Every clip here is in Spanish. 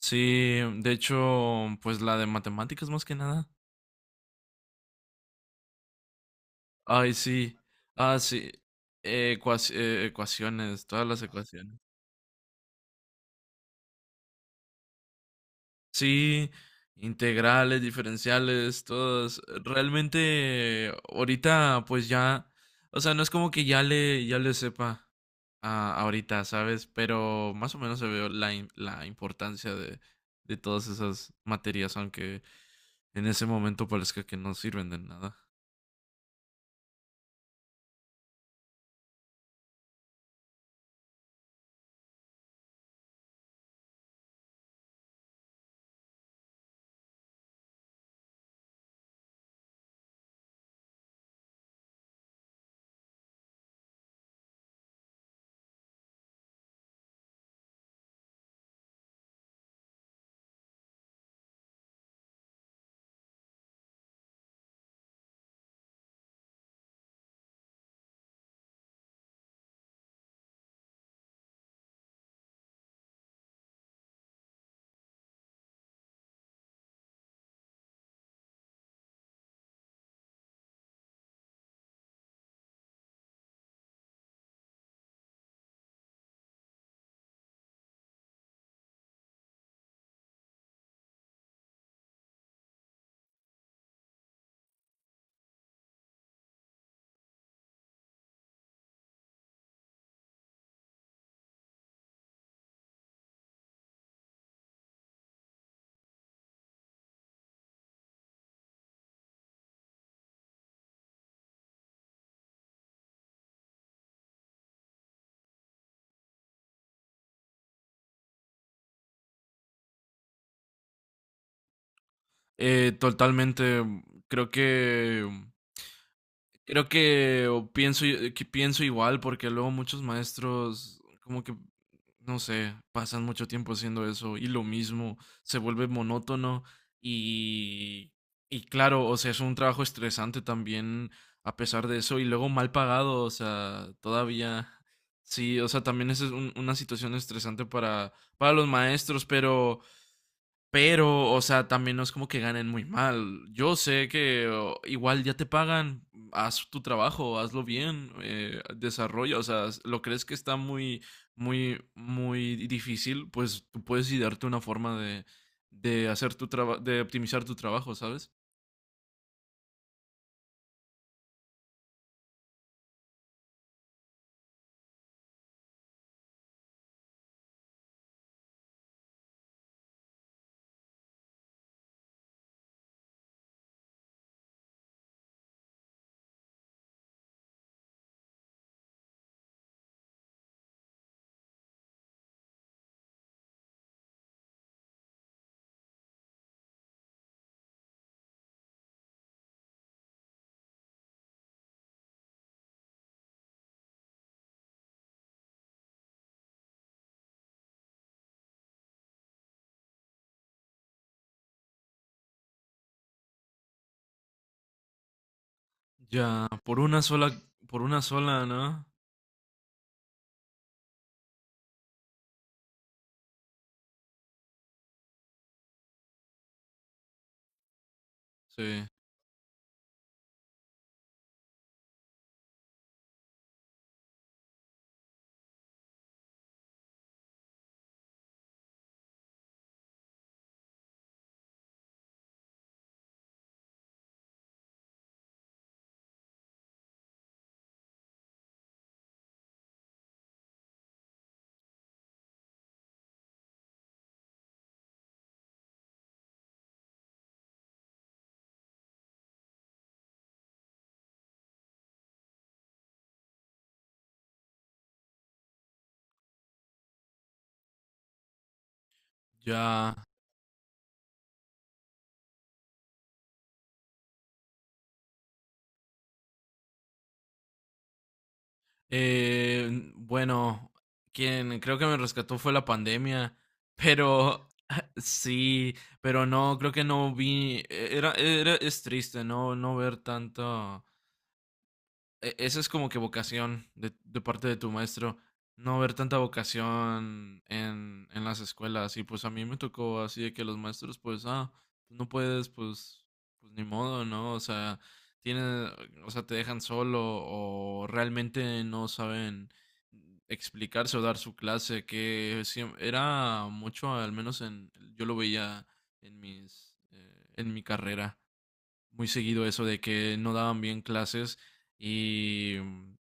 Sí, de hecho, pues la de matemáticas más que nada. Ay, sí. Ah, sí. Ecuaciones, todas las ecuaciones. Sí, integrales, diferenciales, todas. Realmente, ahorita, pues ya, o sea, no es como que ya le sepa ahorita, ¿sabes? Pero más o menos se ve la importancia de todas esas materias, aunque en ese momento parezca que no sirven de nada. Totalmente. Creo que creo que o pienso i- que pienso igual porque luego muchos maestros como que no sé, pasan mucho tiempo haciendo eso y lo mismo se vuelve monótono y y claro, o sea, es un trabajo estresante también a pesar de eso y luego mal pagado, o sea, todavía sí, o sea, también esa es una situación estresante para los maestros, pero, o sea, también no es como que ganen muy mal. Yo sé que o, igual ya te pagan, haz tu trabajo, hazlo bien, desarrolla, o sea, lo crees que está muy, muy, muy difícil, pues tú puedes idearte una forma de hacer tu trabajo, de optimizar tu trabajo, ¿sabes? Ya, por una sola, ¿no? Sí, ya. Eh, bueno, quien creo que me rescató fue la pandemia, pero sí, pero no, creo que no vi, es triste no ver tanto, esa es como que vocación de parte de tu maestro, no ver tanta vocación en las escuelas. Y pues a mí me tocó así de que los maestros, pues, ah, no puedes, pues ni modo, ¿no? O sea, tienen, o sea, te dejan solo o realmente no saben explicarse o dar su clase, que era mucho, al menos yo lo veía en mi carrera muy seguido eso de que no daban bien clases y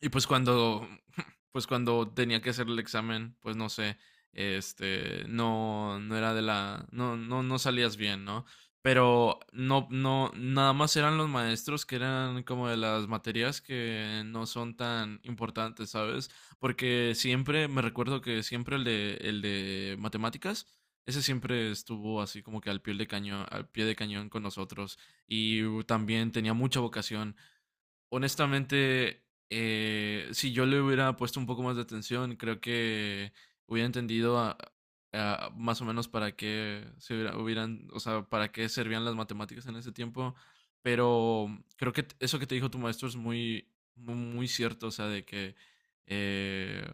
y pues cuando, pues cuando tenía que hacer el examen, pues no sé, este, no era de no, no, no salías bien, ¿no? Pero no, no, nada más eran los maestros que eran como de las materias que no son tan importantes, ¿sabes? Porque siempre, me recuerdo que siempre el de matemáticas, ese siempre estuvo así como que al pie de cañón, al pie de cañón con nosotros. Y también tenía mucha vocación. Honestamente, si yo le hubiera puesto un poco más de atención, creo que hubiera entendido más o menos para qué se hubieran, o sea, para qué servían las matemáticas en ese tiempo. Pero creo que eso que te dijo tu maestro es muy, muy, muy cierto, o sea, de que, eh,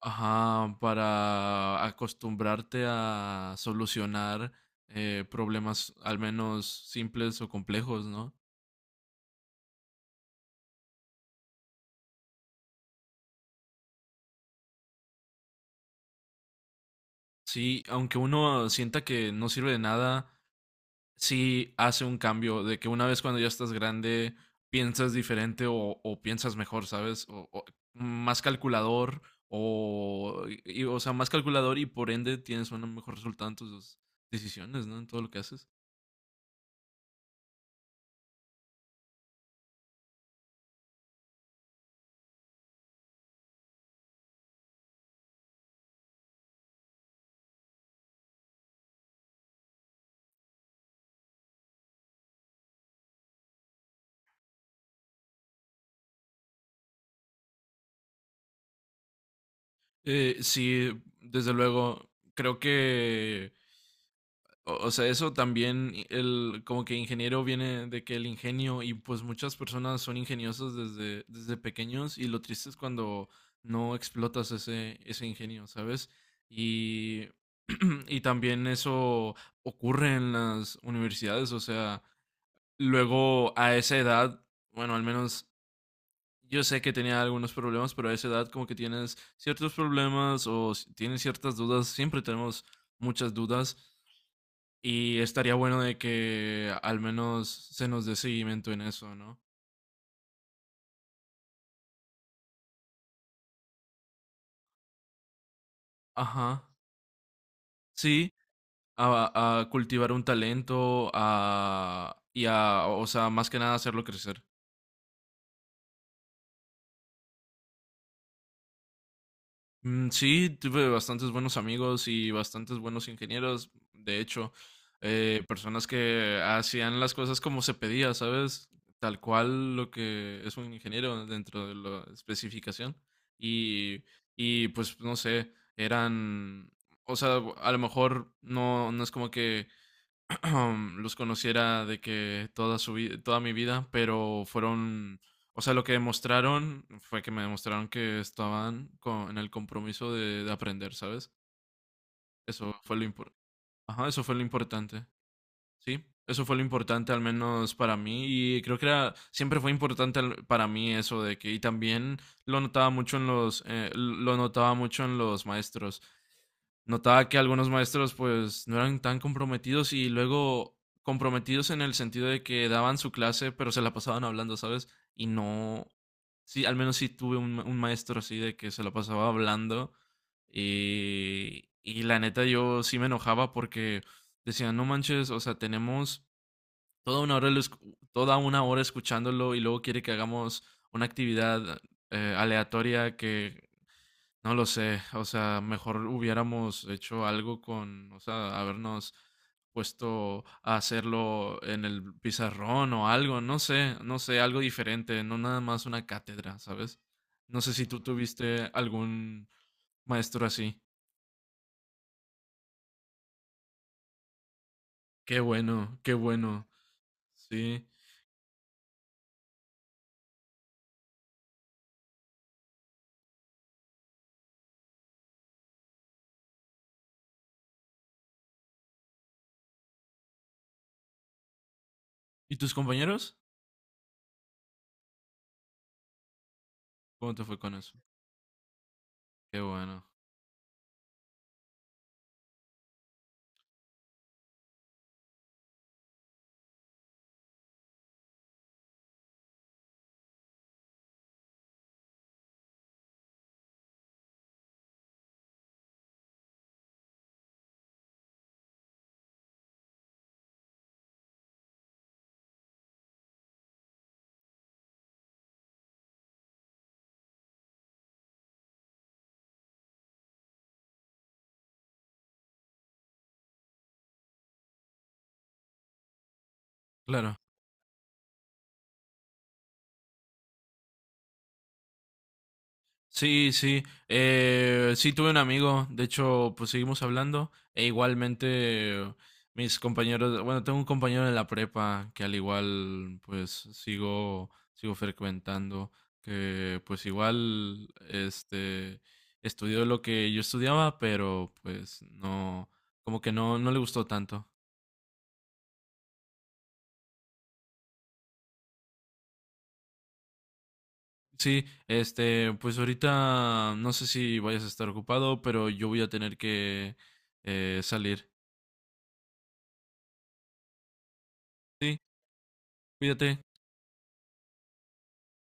ajá, para acostumbrarte a solucionar problemas al menos simples o complejos, ¿no? Sí, aunque uno sienta que no sirve de nada, sí hace un cambio, de que una vez cuando ya estás grande piensas diferente o piensas mejor, ¿sabes? O más calculador, o, o sea, más calculador y por ende tienes un mejor resultado en tus decisiones, ¿no? En todo lo que haces. Sí, desde luego, creo que o sea, eso también, como que ingeniero viene de que el ingenio, y pues muchas personas son ingeniosas desde pequeños, y lo triste es cuando no explotas ese ingenio, ¿sabes? Y, y también eso ocurre en las universidades, o sea, luego a esa edad, bueno, al menos yo sé que tenía algunos problemas, pero a esa edad como que tienes ciertos problemas o tienes ciertas dudas, siempre tenemos muchas dudas y estaría bueno de que al menos se nos dé seguimiento en eso, ¿no? Ajá, sí, a cultivar un talento, o sea, más que nada hacerlo crecer. Mm. Sí, tuve bastantes buenos amigos y bastantes buenos ingenieros, de hecho, personas que hacían las cosas como se pedía, ¿sabes? Tal cual lo que es un ingeniero dentro de la especificación. Y, y pues no sé, eran, o sea, a lo mejor no es como que los conociera de que toda mi vida, pero fueron, o sea, lo que demostraron fue que me demostraron que estaban en el compromiso de aprender, ¿sabes? Eso fue lo impor- Ajá, eso fue lo importante. Sí, eso fue lo importante al menos para mí y creo que era siempre fue importante para mí eso de que y también lo notaba mucho en los maestros. Notaba que algunos maestros pues no eran tan comprometidos y luego comprometidos en el sentido de que daban su clase, pero se la pasaban hablando, ¿sabes? Y no, sí, al menos sí tuve un maestro así de que se la pasaba hablando y la neta yo sí me enojaba porque decía, no manches, o sea, tenemos toda una hora, toda una hora escuchándolo y luego quiere que hagamos una actividad aleatoria que no lo sé, o sea, mejor hubiéramos hecho algo o sea, habernos puesto a hacerlo en el pizarrón o algo, no sé, no sé, algo diferente, no nada más una cátedra, ¿sabes? No sé si tú tuviste algún maestro así. Qué bueno, sí. ¿Y tus compañeros? ¿Cómo te fue con eso? Qué bueno, claro. Sí, sí. Sí, tuve un amigo. De hecho, pues seguimos hablando. E igualmente, mis compañeros. Bueno, tengo un compañero en la prepa que al igual, pues sigo frecuentando. Que pues igual, este, estudió lo que yo estudiaba, pero pues no, como que no le gustó tanto. Sí, este, pues ahorita no sé si vayas a estar ocupado, pero yo voy a tener que salir. Sí, cuídate.